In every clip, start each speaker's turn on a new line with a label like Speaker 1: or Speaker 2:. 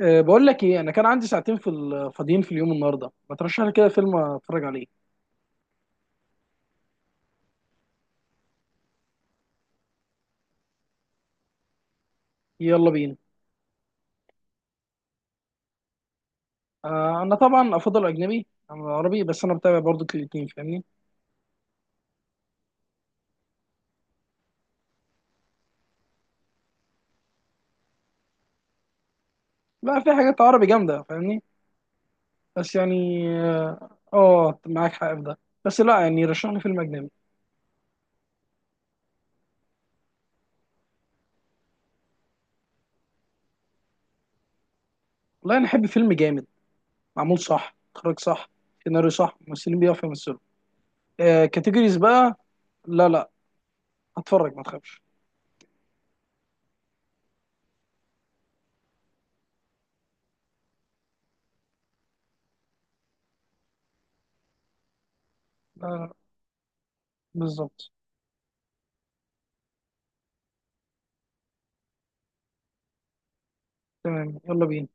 Speaker 1: بقول لك ايه. انا كان عندي ساعتين في فاضيين في اليوم النهارده، ما ترشح لي كده فيلم اتفرج عليه. يلا بينا. انا طبعا افضل اجنبي عن العربي، بس انا بتابع برضو الاتنين، فاهمني؟ بقى في حاجات عربي جامده، فاهمني؟ بس يعني معاك حق في ده. بس لا، يعني رشح لي فيلم اجنبي. والله انا احب فيلم جامد، معمول صح، اخراج صح، سيناريو صح، ممثلين بيعرفوا يمثلوا. كاتيجوريز بقى. لا لا، هتفرج ما تخافش. لا لا، بالظبط. تمام، يلا بينا.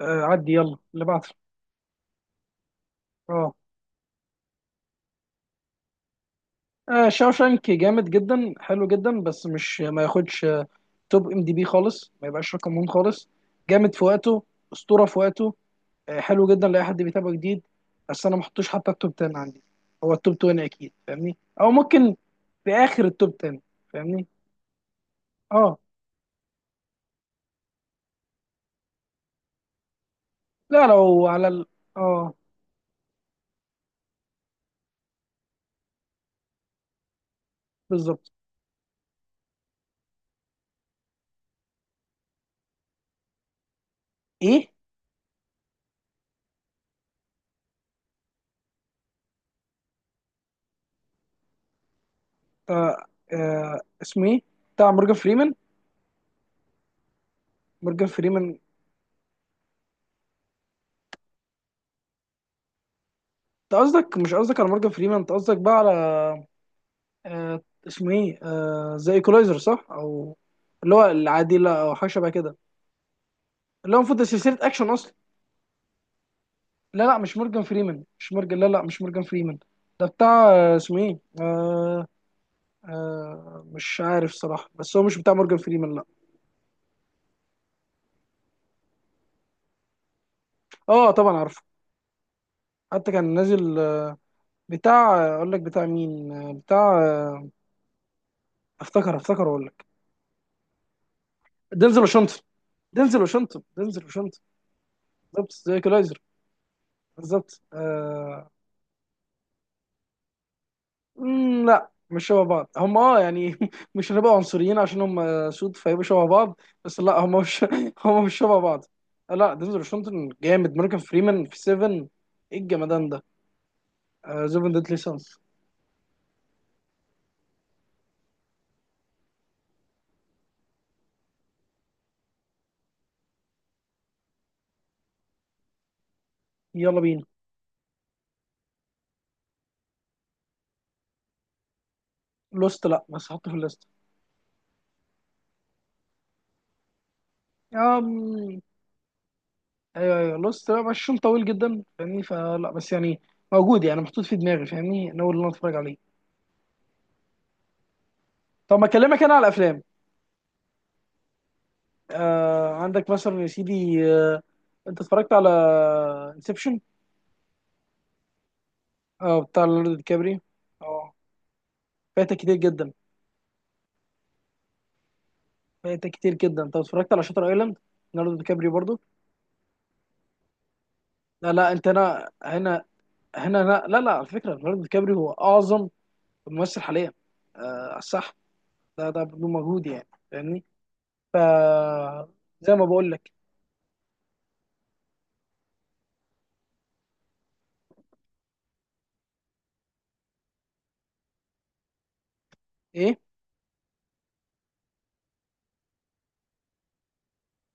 Speaker 1: عدي، يلا اللي بعده. اه. شاوشانك جامد جدا، حلو جدا، بس مش ما ياخدش توب ام دي بي خالص، ما يبقاش رقم ون خالص. جامد في وقته، اسطوره في وقته. حلو جدا لاي حد بيتابع جديد. بس انا ما احطوش حتى التوب 10 عندي، هو التوب 20 اكيد، فاهمني، او ممكن في اخر التوب 10. فاهمني. اه. لا، لو على ال... اه بالظبط. ايه. آه اسمه ايه؟ بتاع مورجان فريمان، مورجان فريمان. انت قصدك، مش قصدك على مورجان فريمان، انت قصدك بقى على آه اسمه ايه؟ زي ايكولايزر صح، او اللي هو العادله او حاجه شبه كده، اللي هو المفروض ده سلسله اكشن اصلا. لا لا، مش مورجان فريمان، مش مورجان، لا لا، مش مورجان فريمان. ده بتاع اسمه ايه؟ مش عارف صراحه، بس هو مش بتاع مورجان فريمان، لا. اه طبعا عارفه، حتى كان نازل بتاع اقول لك بتاع مين بتاع افتكر اقول لك. دينزل واشنطن، دينزل واشنطن، دينزل واشنطن. بالظبط، زي ايكولايزر، بالظبط لا، مش شبه بعض. هم يعني مش هنبقى عنصريين عشان هم سود فيبقوا شبه بعض، بس لا، هم مش، هم مش شبه بعض. لا، دينزل واشنطن جامد، مورجان فريمان في 7، ايه الجمدان ده، زيفن ديتلي سانس. يلا بينا. لوست، لا بس حطه في الليست. أم... ايوه ايوه، لوست لا، بس عشان طويل جدا فاهمني، فلا، بس يعني موجود، يعني محطوط في دماغي، فاهمني، ناوي ان انا اتفرج عليه. طب ما اكلمك انا على الافلام. عندك مثلا يا سيدي انت اتفرجت على انسبشن؟ اه بتاع ليوناردو دي كابري. اه، فايتك كتير جدا، فايتك كتير جدا. انت اتفرجت على شاتر ايلاند؟ ليوناردو دي كابري برضو. لا لا انت، هنا هنا، هنا لا لا, لا، على فكره ليوناردو دي كابري هو اعظم ممثل حاليا. آه صح، ده بدون مجهود يعني فاهمني. زي ما بقول لك. ايه.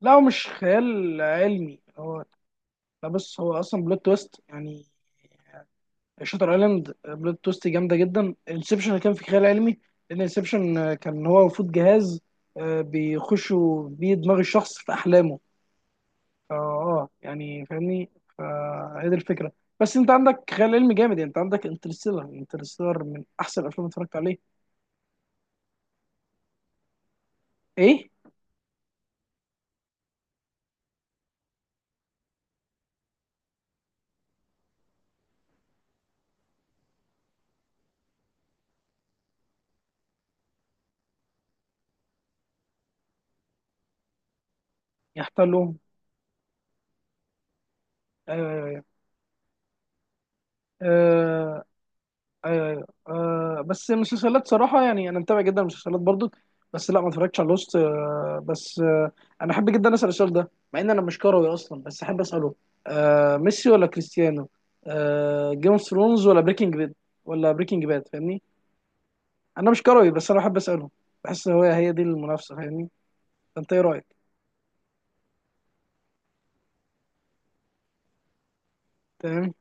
Speaker 1: لا، هو مش خيال علمي، هو لا، بص، هو اصلا بلوت تويست، يعني شاتر ايلاند بلوت توست جامده جدا. انسبشن كان في خيال علمي، لان انسبشن كان هو المفروض جهاز بيخشوا بيه دماغ الشخص في احلامه. يعني فاهمني، فهي دي الفكره. بس انت عندك خيال علمي جامد، يعني انت عندك انترستيلر، انترستيلر من احسن الافلام اللي اتفرجت عليه. ايه. يحتلهم. آه آه ايوه ايوه بس المسلسلات صراحه، يعني انا متابع جدا المسلسلات برضو. بس لا ما اتفرجتش على لوست بس انا احب جدا اسال السؤال ده مع ان انا مش كروي اصلا، بس احب اساله. ميسي ولا كريستيانو؟ جيم اوف ثرونز ولا بريكنج باد؟ ولا بريكنج باد، فاهمني؟ انا مش كروي بس انا احب اساله، بحس هو هي دي المنافسه، فاهمني. فانت ايه رايك؟ تمام.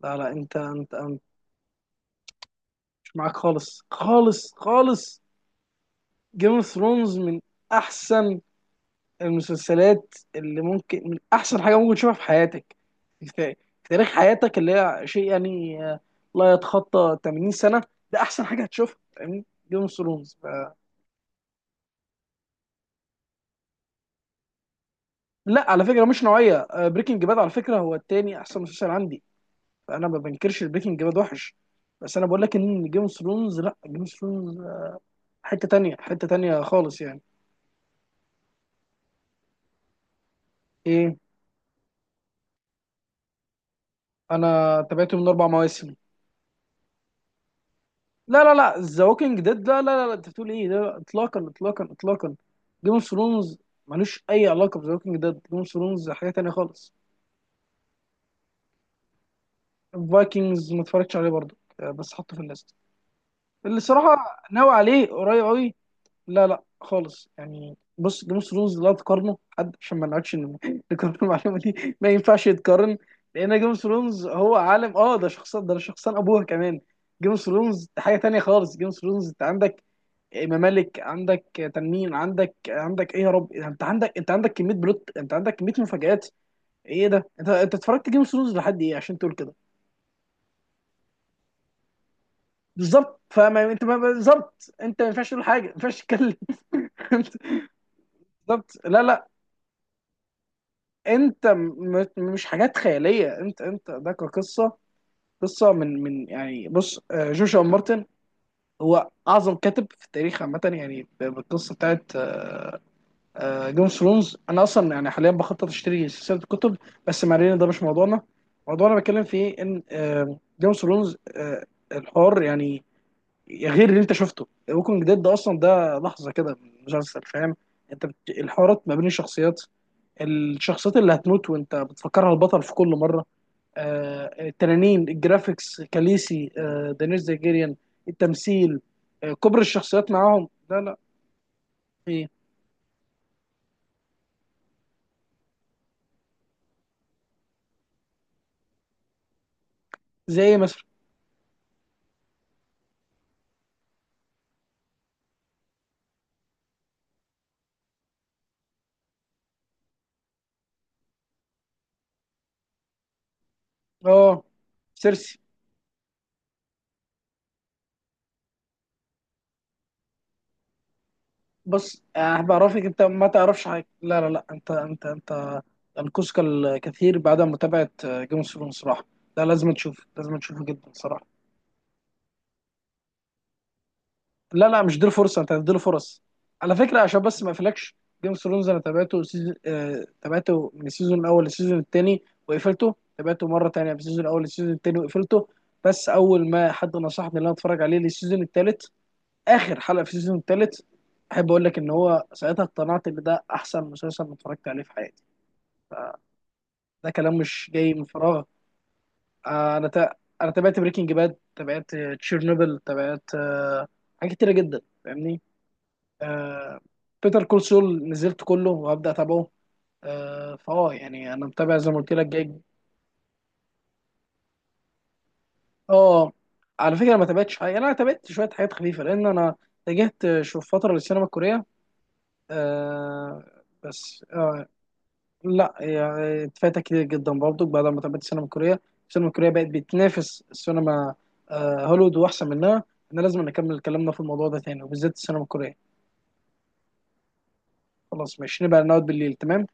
Speaker 1: لا لا، انت مش معاك، خالص خالص خالص. جيم اوف ثرونز من احسن المسلسلات، اللي ممكن، من احسن حاجه ممكن تشوفها في حياتك، في في تاريخ حياتك، اللي هي شيء يعني لا يتخطى 80 سنه. ده احسن حاجه هتشوفها، فاهمني، جيم اوف ثرونز. لا، على فكره مش نوعيه بريكنج باد، على فكره هو التاني احسن مسلسل عندي، فانا ما بنكرش بريكنج باد وحش. بس انا بقول لك ان جيم اوف ثرونز، لا جيم اوف ثرونز حته تانية، حته تانية خالص يعني. ايه. انا تابعته من 4 مواسم. لا لا لا، ذا ووكينج ديد، لا لا لا لا، انت بتقول ايه؟ لا لا، اطلاقا اطلاقا اطلاقا. جيم اوف ثرونز ملوش اي علاقه بذا ووكينج ديد، جيم اوف ثرونز حاجه تانية خالص. فايكنجز ما اتفرجتش عليه برضه بس حطه في الليست، اللي صراحه ناوي عليه قريب قوي. لا لا خالص، يعني بص، جيم اوف ثرونز لا تقارنه حد، عشان ما نقعدش نكرر المعلومه دي، ما ينفعش يتقارن. لان جيم اوف ثرونز هو عالم، ده شخصان، ده شخصان ابوها كمان. جيم اوف ثرونز حاجه تانية خالص. جيم اوف ثرونز انت عندك ممالك، عندك تنمين، عندك ايه يا رب، انت عندك كميه بلوت، انت عندك كميه مفاجآت. ايه ده، انت اتفرجت جيم اوف ثرونز لحد ايه عشان تقول كده؟ بالظبط، فما انت ما- بالظبط انت ما ينفعش تقول حاجه، ما ينفعش تتكلم. بالظبط، لا لا، انت مش حاجات خياليه، انت ده كقصه، قصه من يعني بص جوشوا مارتن هو اعظم كاتب في التاريخ عامه، يعني بالقصه بتاعت جيم اوف ثرونز. انا اصلا يعني حاليا بخطط اشتري سلسله الكتب، بس ما علينا ده مش موضوعنا، موضوعنا بتكلم فيه ان جيم اوف ثرونز الحوار يعني غير. اللي انت شفته ووكينج ديد ده اصلا ده لحظه كده من المسلسل، فاهم. الحوارات ما بين الشخصيات، الشخصيات اللي هتموت وانت بتفكرها البطل في كل مره، التنانين، الجرافيكس، كاليسي، دانيس زيجيريان، التمثيل، كبر الشخصيات معاهم. لا لا. إيه؟ زي مثلا. اه، سيرسي. بص بعرفك انت ما تعرفش حاجه، لا لا لا، انت انقذك الكثير بعد متابعه جيم اوف ثرونز صراحه. لا لازم تشوف، لازم تشوفه جدا صراحه. لا لا، مش دي الفرصه، انت هتديله فرص. على فكره عشان بس ما اقفلكش، جيم اوف ثرونز انا تابعته سيزون آه تابعته من السيزون الاول للسيزون الثاني وقفلته، تابعته مره ثانيه من السيزون الاول للسيزون الثاني وقفلته. بس اول ما حد نصحني ان انا اتفرج عليه للسيزون الثالث، اخر حلقه في السيزون الثالث، احب اقول لك ان هو ساعتها اقتنعت ان ده احسن مسلسل أنا اتفرجت عليه في حياتي. ده كلام مش جاي من فراغ. آه، انا تا... انا تابعت بريكنج باد، تابعت تشيرنوبل، تابعت حاجات كتيره جدا، فاهمني. آه، بيتر كول سول نزلت كله وهبدا اتابعه. آه، فاه يعني انا متابع زي ما قلت لك جاي. اه، على فكره ما تابعتش حاجه، يعني انا تابعت شويه حاجات خفيفه لان انا اتجهت شوف فتره للسينما الكوريه. آه، بس لا يعني اتفاتها كتير جدا برضو. بعد ما تابعت السينما الكورية، السينما الكورية بقت بتنافس السينما هوليوود، وأحسن منها. احنا لازم نكمل كلامنا في الموضوع ده تاني، وبالذات السينما الكورية. خلاص ماشي، نبقى نقعد بالليل، تمام.